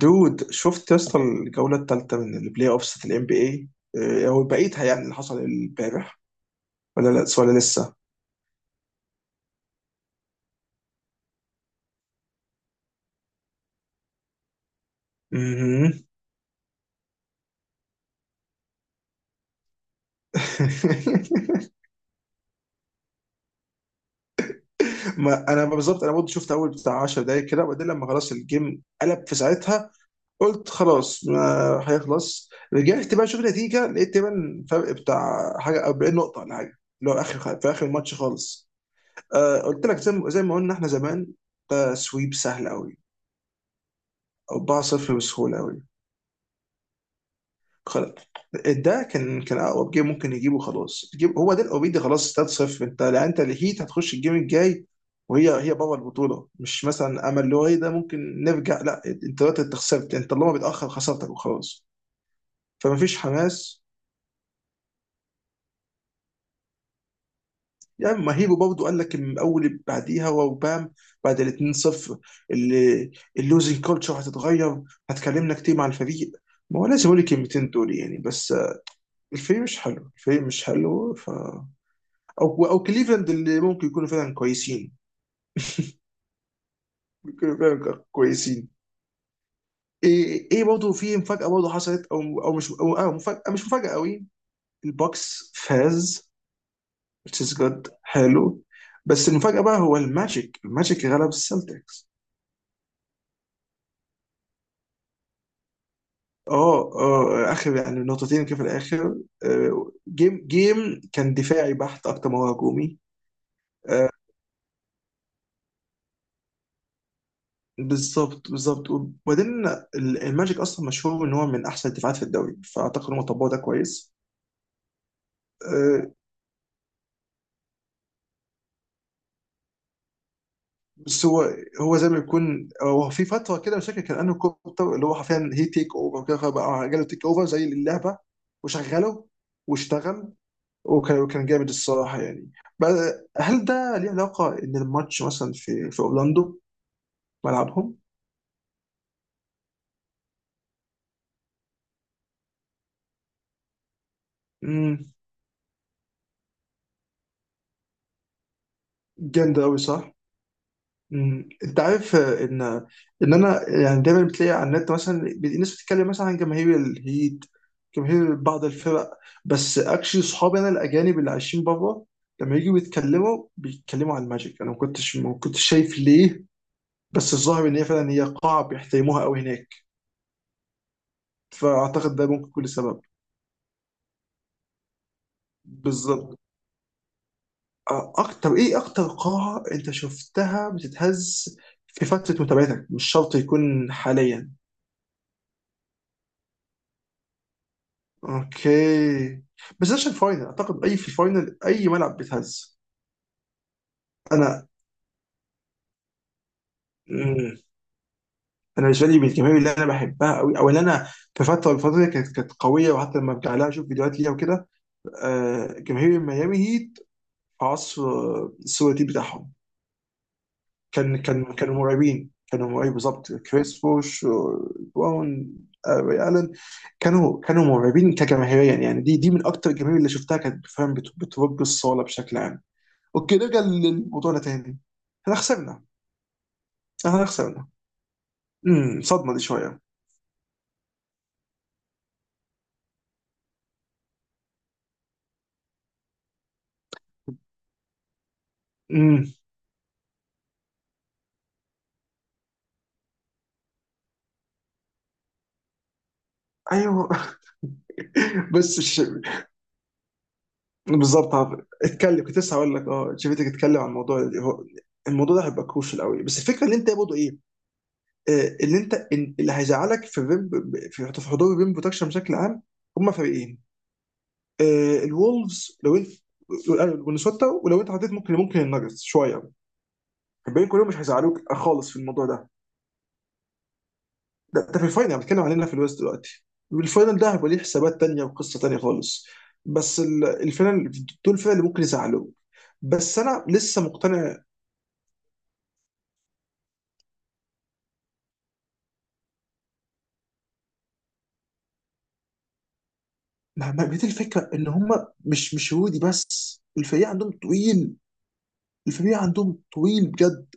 دود شفت يا اسطى الجوله الثالثه من البلاي اوفس بتاعت الام بي اي او بقيتها؟ يعني اللي حصل امبارح. ولا لا ولا لسه مهم. ما انا بالظبط، انا برضه شفت اول بتاع 10 دقايق كده، وبعدين لما خلاص الجيم قلب في ساعتها قلت خلاص ما هيخلص. رجعت بقى اشوف النتيجه، لقيت تقريبا فرق بتاع حاجه 40 نقطه ولا حاجه، اللي هو اخر في اخر الماتش خالص. آه قلت لك زي ما قلنا احنا زمان، ده سويب سهل قوي. 4-0 بسهوله قوي. خلاص ده كان اقرب جيم ممكن يجيبه. خلاص تجيب هو ده اوريدي. خلاص 3-0، انت لا انت الهيت هتخش الجيم الجاي. وهي بابا البطوله، مش مثلا امل اللي هو ايه ده ممكن نرجع. لا انت دلوقتي انت خسرت، انت اللي هو بيتاخر خسرتك وخلاص. فما فيش حماس. يعني ما هيبو برضه قال لك من اول اللي بعديها وبام، بعد ال 2-0 اللي اللوزنج كولتشر هتتغير. هتكلمنا كتير مع الفريق، ما هو لازم اقول الكلمتين دول يعني. بس الفريق مش حلو، الفريق مش حلو. ف او كليفلاند اللي ممكن يكونوا فعلا كويسين. يكونوا فعلا كويسين. ايه برضه في مفاجاه برضه حصلت. او او مش او آه مفاجاه مش مفاجاه قوي. البوكس فاز، which is good، حلو. بس المفاجاه بقى هو الماجيك غلب السلتكس. اه اخر يعني نقطتين كده في الاخر. آه، جيم كان دفاعي بحت اكتر ما هو هجومي. آه، بالظبط بالظبط. وبعدين ال- الماجيك اصلا مشهور ان هو من احسن الدفاعات في الدوري، فاعتقد هم طبقوا ده كويس. آه، بس هو زي ما يكون هو في فتره كده، مش فاكر كان انه كوبتر اللي هو حرفيا هي تيك اوفر وكده، فبقى جاله تيك اوفر زي اللعبه. وشغله واشتغل، وكان جامد الصراحه يعني. بقى- هل ده ليه علاقه ان الماتش مثلا في اورلاندو، ملعبهم؟ امم، جامد قوي، صح؟ مم. انت عارف آه، ان انا يعني دايما بتلاقي على النت، مثلا بي- ناس بتتكلم مثلا عن جماهير الهيت، جماهير بعض الفرق. بس اكشلي صحابي انا الاجانب اللي عايشين بره لما يجوا بيتكلموا، بيتكلموا عن الماجيك، انا ما كنتش شايف ليه. بس الظاهر ان هي فعلا هي قاعه بيحترموها قوي هناك. فاعتقد ده ممكن يكون سبب. بالظبط. آه، اكتر ايه، اكتر قاعه انت شفتها بتتهز في فتره متابعتك، مش شرط يكون حاليا. اوكي، بس ده عشان فاينل اعتقد. اي في الفاينل اي ملعب بيتهز. انا مم. انا بالنسبه لي من الجماهير اللي انا بحبها قوي او اللي انا في فتره الفتره دي كانت قويه. وحتى لما برجع لها اشوف فيديوهات ليها وكده، آه جماهير ميامي هيت في عصر آه، السواتي بتاعهم. كانوا مرعبين، كانوا مرعبين بالظبط. كريس بوش وبراون، آه ري الن. كانوا مرعبين كجماهيريا يعني. دي من اكتر الجماهير اللي شفتها كانت فعلا بت- بترب الصاله بشكل عام. اوكي نرجع للموضوعنا تاني. احنا خسرنا، احنا خسرنا. امم، صدمه دي شويه. امم، ايوه. بس مش. بالظبط عارف. اتكلم، كنت لسه هقول لك، اه شفتك اتكلم عن الموضوع اللي هو، الموضوع ده هيبقى كروشال قوي. بس الفكره اللي انت برضه ايه، آه اللي انت إن- اللي هيزعلك في الريم، في حضور الريم بروتكشن بشكل عام، هم فريقين. آه، الولفز لو انت والنسوتا، ولو انت حطيت ممكن ممكن الناجتس شويه. الباقيين كلهم مش هيزعلوك خالص في الموضوع ده. ده في الفاينل، انا بتكلم علينا في الويست دلوقتي. الفاينل ده هيبقى ليه حسابات تانية وقصة تانية خالص. بس ال- الفاينل دول الفرق اللي ممكن يزعلوك. بس انا لسه مقتنع، مع بقية الفكرة، ان هم مش هودي، بس الفريق عندهم طويل. الفريق عندهم طويل بجد.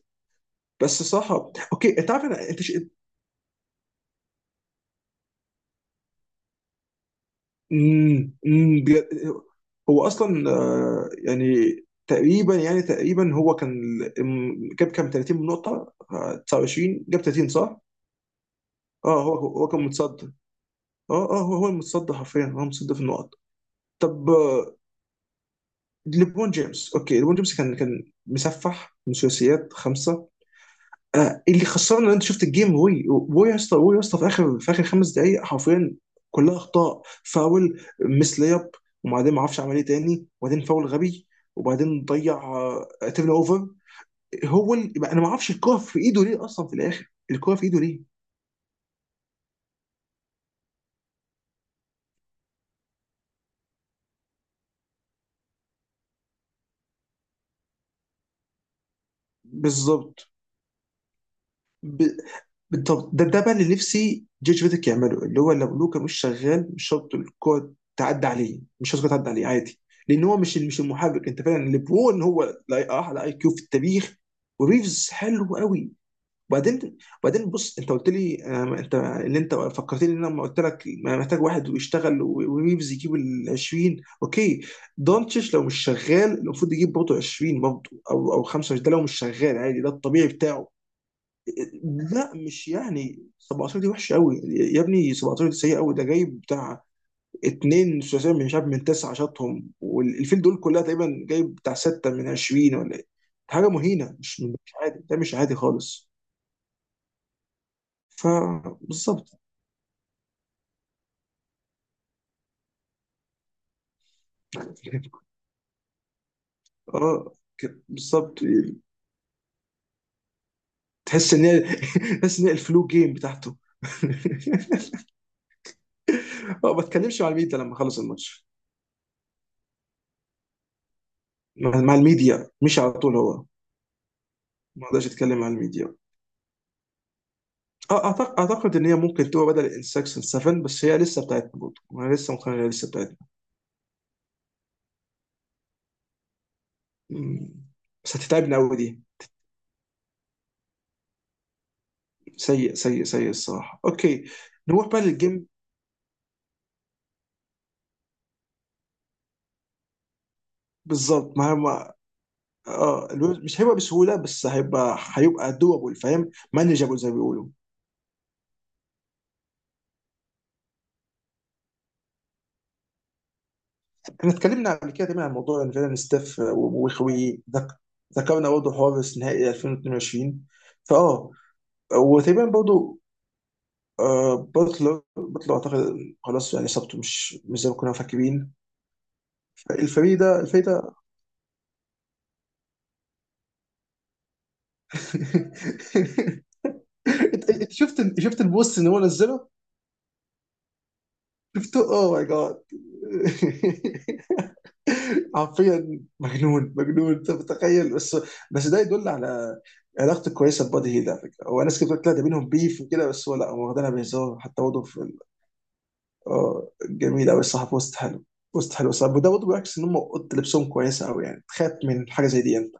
بس صراحة اوكي انت عارف انا انت ش... أمم، أمم، بجد. هو اصلا آه، يعني تقريبا يعني تقريبا هو كان ال- م- جاب كام 30 نقطة، آه 29، جاب 30 صح؟ اه هو كان متصدر. اه هو المتصدر حرفيا، هو متصدر في النقط. طب آه، ليبرون جيمس، اوكي ليبرون جيمس كان مسفح من ثلاثيات خمسه. آه اللي خسرنا ان انت شفت الجيم، وي يا اسطى، وي يا اسطى، في اخر خمس دقائق حرفيا كلها اخطاء. فاول مس لياب، وبعدين ما اعرفش عمل ايه تاني، وبعدين فاول غبي، وبعدين ضيع، تيرن اوفر. هو ال- انا ما اعرفش الكوره في ايده ليه اصلا في الاخر، الكوره في ايده ليه؟ بالظبط. ب... بالضبط، ده بقى اللي نفسي جورج فيديك يعمله. اللي هو لو لوكا مش شغال، مش شرط الكوره تعدي عليه، مش شرط الكرة تعدي عليه عادي. لان هو مش المحرك. انت فعلا ليبرون هو لا- اعلى اي كيو في التاريخ، وريفز حلو قوي. وبعدين، بص، انت قلت لي آه، انت اللي انت فكرتني ان انا لما قلت لك ما محتاج واحد ويشتغل و- وريفز يجيب ال 20. اوكي. دونتش لو مش شغال المفروض يجيب برضه 20 برضه، او 25، ده لو مش شغال عادي، ده الطبيعي بتاعه. لا مش يعني 17 دي وحشه قوي يا ابني، 17 دي سيئه قوي. ده جايب بتاع اتنين ثلاثيه من شاب من تسعه شاطهم والفيل دول كلها تقريبا، جايب بتاع سته من 20 ولا ايه. حاجه مهينه. مش عادي، ده مش عادي خالص. فبالظبط. اه كده، بالظبط. تحس ان هي. تحس ان هي الفلو جيم بتاعته. اه، ما اتكلمش مع الميديا لما خلص الماتش، مع الميديا مش على طول هو. ما اقدرش اتكلم مع الميديا. اعتقد ان هي ممكن تبقى بدل انسكشن 7، بس هي لسه بتاعتنا برضه. انا لسه مقتنع إنها لسه بتاعتنا. مم. بس هتتعبنا قوي دي. سيء سيء سيء الصراحه. اوكي نروح بقى للجيم. بالظبط، ما. اه الويب- مش هيبقى بسهوله، بس هيبقى، دوبل فاهم مانجابل زي ما بيقولوا. احنا اتكلمنا قبل كده تقريبا عن موضوع ان فعلا ستيف وخوي. ذكرنا برضه حوار نهائي 2022. فاه، وتقريبا برضه آه بطلر اعتقد خلاص يعني اصابته مش زي ما كنا مفكرين. الفريق ده. انت شفت البوست اللي هو نزله. شفته، اوه ماي جاد. حرفيا مجنون، مجنون، انت متخيل؟ بس بس ده يدل على علاقته كويسه ببادي هيل على فكره. هو ناس كتير بتقول ده بينهم بيف وكده، بس هو لا هو واخدينها بهزار حتى برضه. اه جميل قوي الصراحه. بوست حلو، بوست حلو الصراحه. وده برضه بيعكس ان هم اوضه لبسهم كويسه قوي يعني، تخاف من حاجه زي دي انت.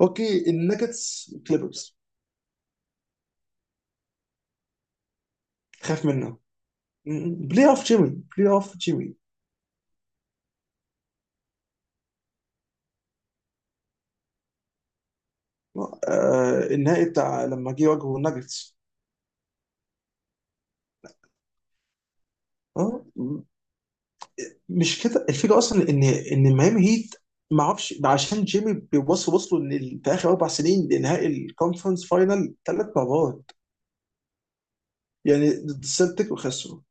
اوكي النكتس كليبرز. تخاف منها. م- بلاي اوف جيمي، بلاي اوف جيمي. آه النهائي بتاع لما جه واجهه الناجتس. اه م- مش كده الفكره اصلا ان ميامي هيت، ما اعرفش عشان جيمي بيوصل، وصلوا ان ال- في اخر اربع سنين لنهائي الكونفرنس فاينل ثلاث مرات. يعني ضد السلتيك وخسروا،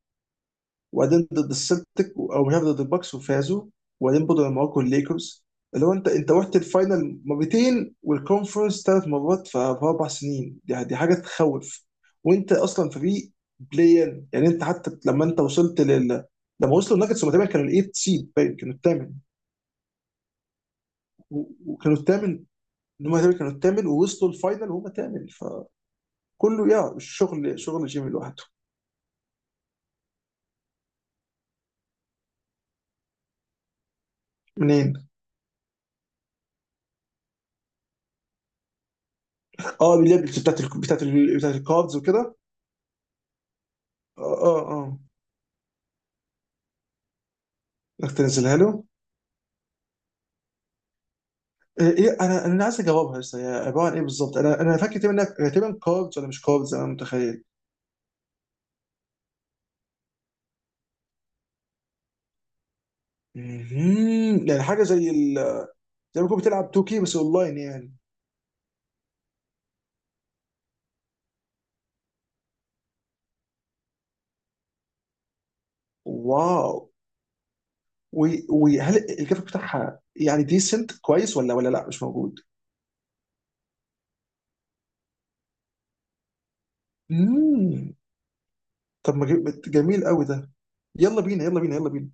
وبعدين ضد السلتيك او مش عارف ضد الباكس وفازوا. وبعدين برضه لما واجهوا الليكرز، اللي هو انت، انت رحت الفاينل مرتين والكونفرنس ثلاث مرات ف- في اربع سنين. دي حاجه تخوف. وانت اصلا فريق بلاين يعني. انت حتى لما انت وصلت لل، لما وصلوا الناجتس هم تقريبا كانوا الايت سيد باين، كانوا الثامن. وكانوا الثامن. هم تقريبا كانوا الثامن، ووصلوا الفاينل وهم ثامن. فكله يا شغل، شغل جيمي لوحده. منين؟ اه اللي هي بتاعت ال- بتاعت ال- بتاعت الكاردز وكده. اه اه اه. بدك تنزلها له. إيه إيه، انا عايز اجاوبها. لسه هي عباره عن ايه بالظبط؟ انا فاكر تقريبا إنها- هي تقريبا كاردز ولا مش كاردز، انا متخيل. مهم. يعني حاجه زي ال... زي ما تكون بتلعب 2K بس اونلاين يعني. واو. وي- وهل الجرافيك بتاعها يعني ديسنت كويس ولا لا مش موجود. مم. طب ما جي- جميل قوي ده. يلا بينا، يلا بينا، يلا بينا.